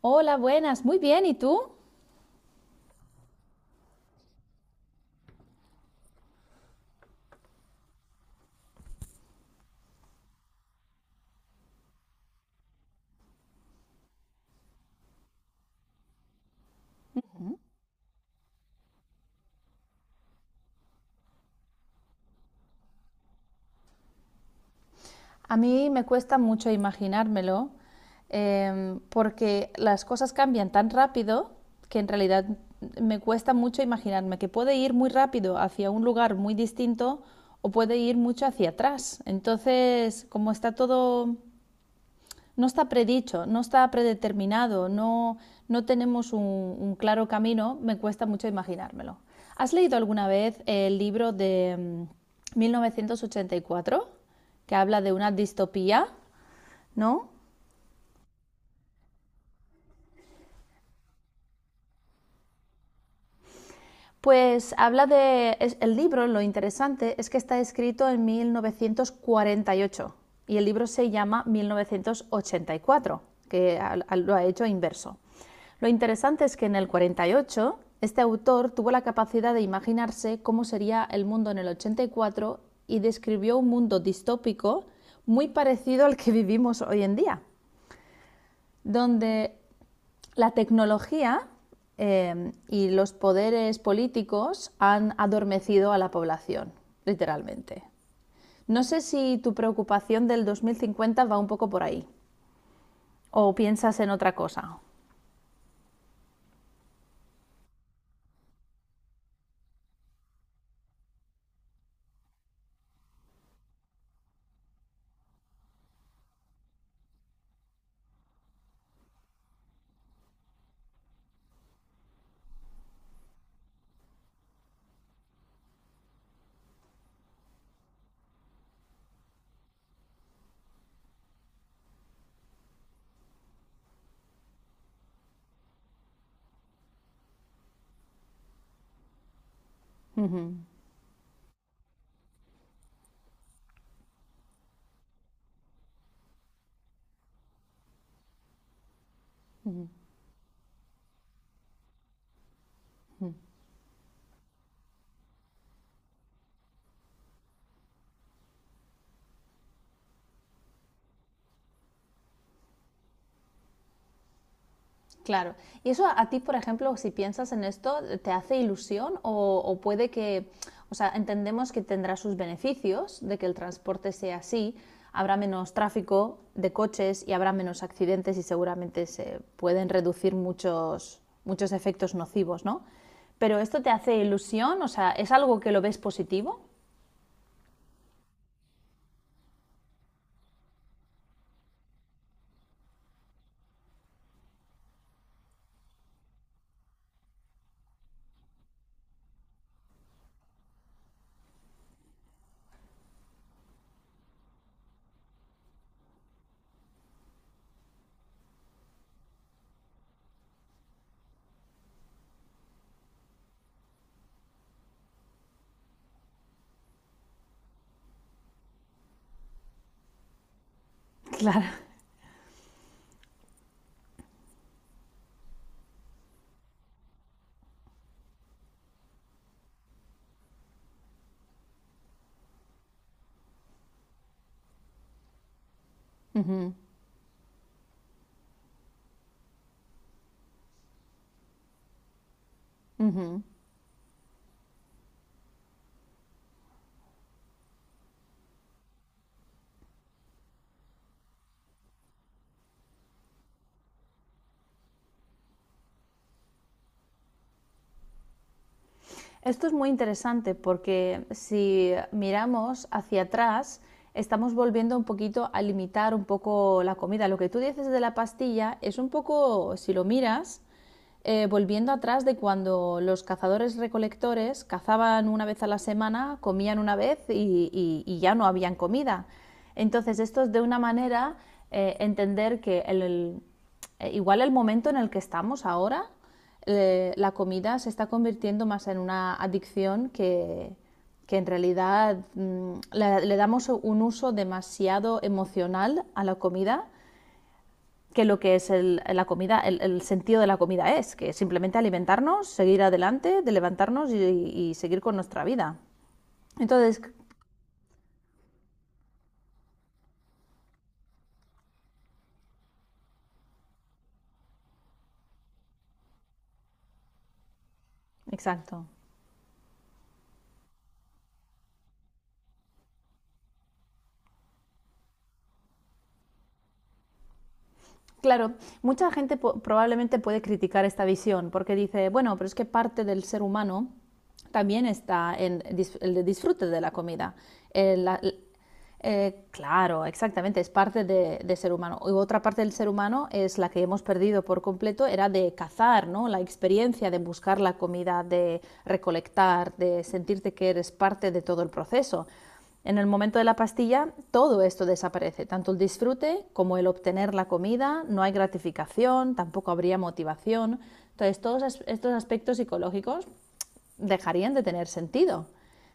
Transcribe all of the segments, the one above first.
Hola, buenas, muy bien, ¿y tú? A mí me cuesta mucho imaginármelo porque las cosas cambian tan rápido que en realidad me cuesta mucho imaginarme que puede ir muy rápido hacia un lugar muy distinto o puede ir mucho hacia atrás. Entonces, como está todo no está predicho, no está predeterminado, no, no tenemos un claro camino, me cuesta mucho imaginármelo. ¿Has leído alguna vez el libro de 1984, que habla de una distopía, ¿no? Pues habla de... el libro, lo interesante es que está escrito en 1948 y ocho y el libro se llama 1984, que lo ha hecho inverso. Lo interesante es que en el 48 este autor tuvo la capacidad de imaginarse cómo sería el mundo en el 84 y cuatro y describió un mundo distópico muy parecido al que vivimos hoy en día donde la tecnología y los poderes políticos han adormecido a la población, literalmente. No sé si tu preocupación del 2050 va un poco por ahí o piensas en otra cosa. Ujú, ujú. Claro. ¿Y eso a ti, por ejemplo, si piensas en esto, te hace ilusión o puede que, o sea, entendemos que tendrá sus beneficios de que el transporte sea así, habrá menos tráfico de coches y habrá menos accidentes y seguramente se pueden reducir muchos, muchos efectos nocivos, ¿no? Pero esto te hace ilusión, o sea, ¿es algo que lo ves positivo? Claro. Ujú. Esto es muy interesante porque si miramos hacia atrás, estamos volviendo un poquito a limitar un poco la comida. Lo que tú dices de la pastilla es un poco, si lo miras, volviendo atrás de cuando los cazadores recolectores cazaban una vez a la semana, comían una vez y ya no habían comida. Entonces, esto es de una manera entender que igual el momento en el que estamos ahora la comida se está convirtiendo más en una adicción que en realidad le damos un uso demasiado emocional a la comida que lo que es la comida, el sentido de la comida es, que es simplemente alimentarnos, seguir adelante, de levantarnos y seguir con nuestra vida. Entonces, exacto. Claro, mucha gente probablemente puede criticar esta visión porque dice, bueno, pero es que parte del ser humano también está en el disfrute de la comida. El- la- l- claro, exactamente, es parte de ser humano. Y otra parte del ser humano es la que hemos perdido por completo, era de cazar, ¿no? La experiencia de buscar la comida, de recolectar, de sentirte que eres parte de todo el proceso. En el momento de la pastilla, todo esto desaparece, tanto el disfrute como el obtener la comida, no hay gratificación, tampoco habría motivación. Entonces, todos estos aspectos psicológicos dejarían de tener sentido.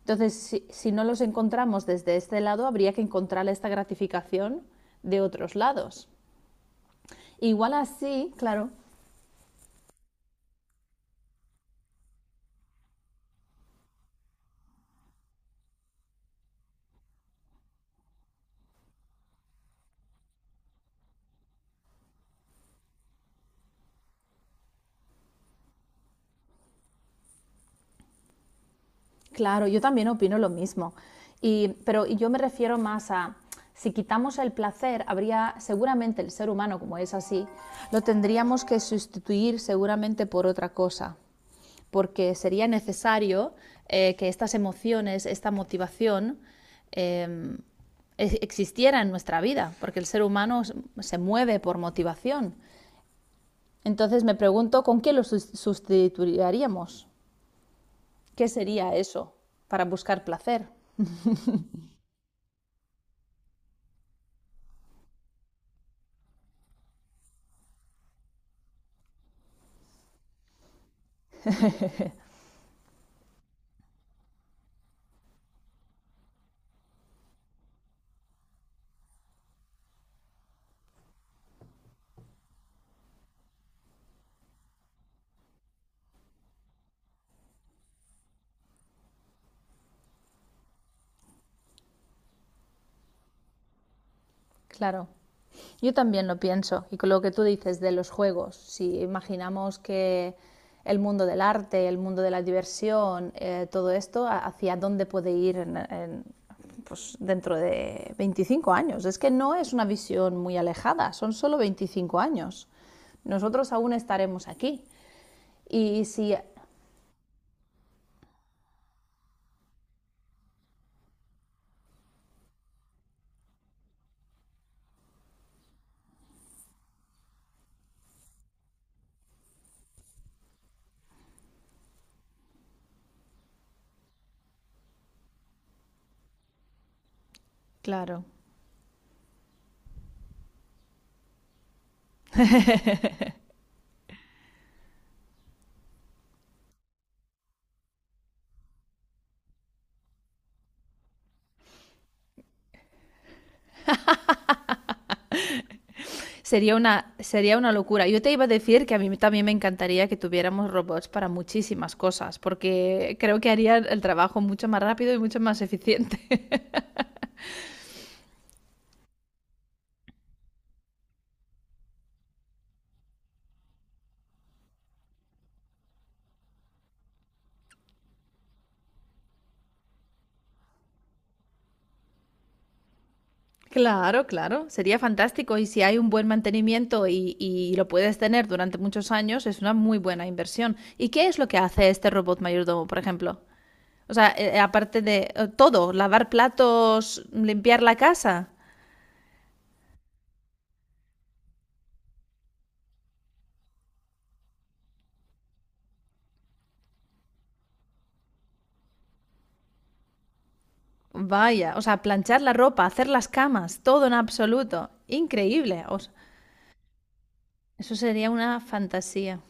Entonces, si no los encontramos desde este lado, habría que encontrar esta gratificación de otros lados. Igual así, claro. Claro, yo también opino lo mismo. Y, pero yo me refiero más a, si quitamos el placer, habría seguramente el ser humano, como es así, lo tendríamos que sustituir seguramente por otra cosa, porque sería necesario que estas emociones, esta motivación, eh, existiera en nuestra vida, porque el ser humano se mueve por motivación. Entonces me pregunto, ¿con qué lo sustituiríamos? ¿Qué sería eso para buscar placer? Claro, yo también lo pienso. Y con lo que tú dices de los juegos, si imaginamos que el mundo del arte, el mundo de la diversión, todo esto, ¿hacia dónde puede ir en, pues, dentro de 25 años? Es que no es una visión muy alejada, son solo 25 años. Nosotros aún estaremos aquí. Y si... Claro. Sería una locura. Yo te iba a decir que a mí también me encantaría que tuviéramos robots para muchísimas cosas, porque creo que harían el trabajo mucho más rápido y mucho más eficiente. Claro, claro, sería fantástico y si hay un buen mantenimiento y lo puedes tener durante muchos años, es una muy buena inversión. ¿Y qué es lo que hace este robot mayordomo, por ejemplo? O sea, aparte de todo, lavar platos, limpiar la casa, vaya, o sea, planchar la ropa, hacer las camas, todo en absoluto. Increíble. O sea, eso sería una fantasía.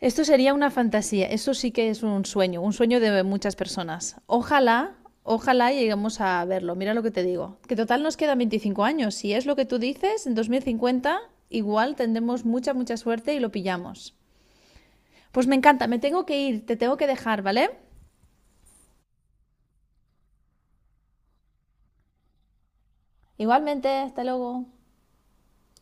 Esto sería una fantasía, eso sí que es un sueño de muchas personas. Ojalá, ojalá lleguemos a verlo, mira lo que te digo. Que total nos quedan 25 años, si es lo que tú dices, en 2050 igual tendremos mucha, mucha suerte y lo pillamos. Pues me encanta, me tengo que ir, te tengo que dejar, ¿vale? Igualmente, hasta luego.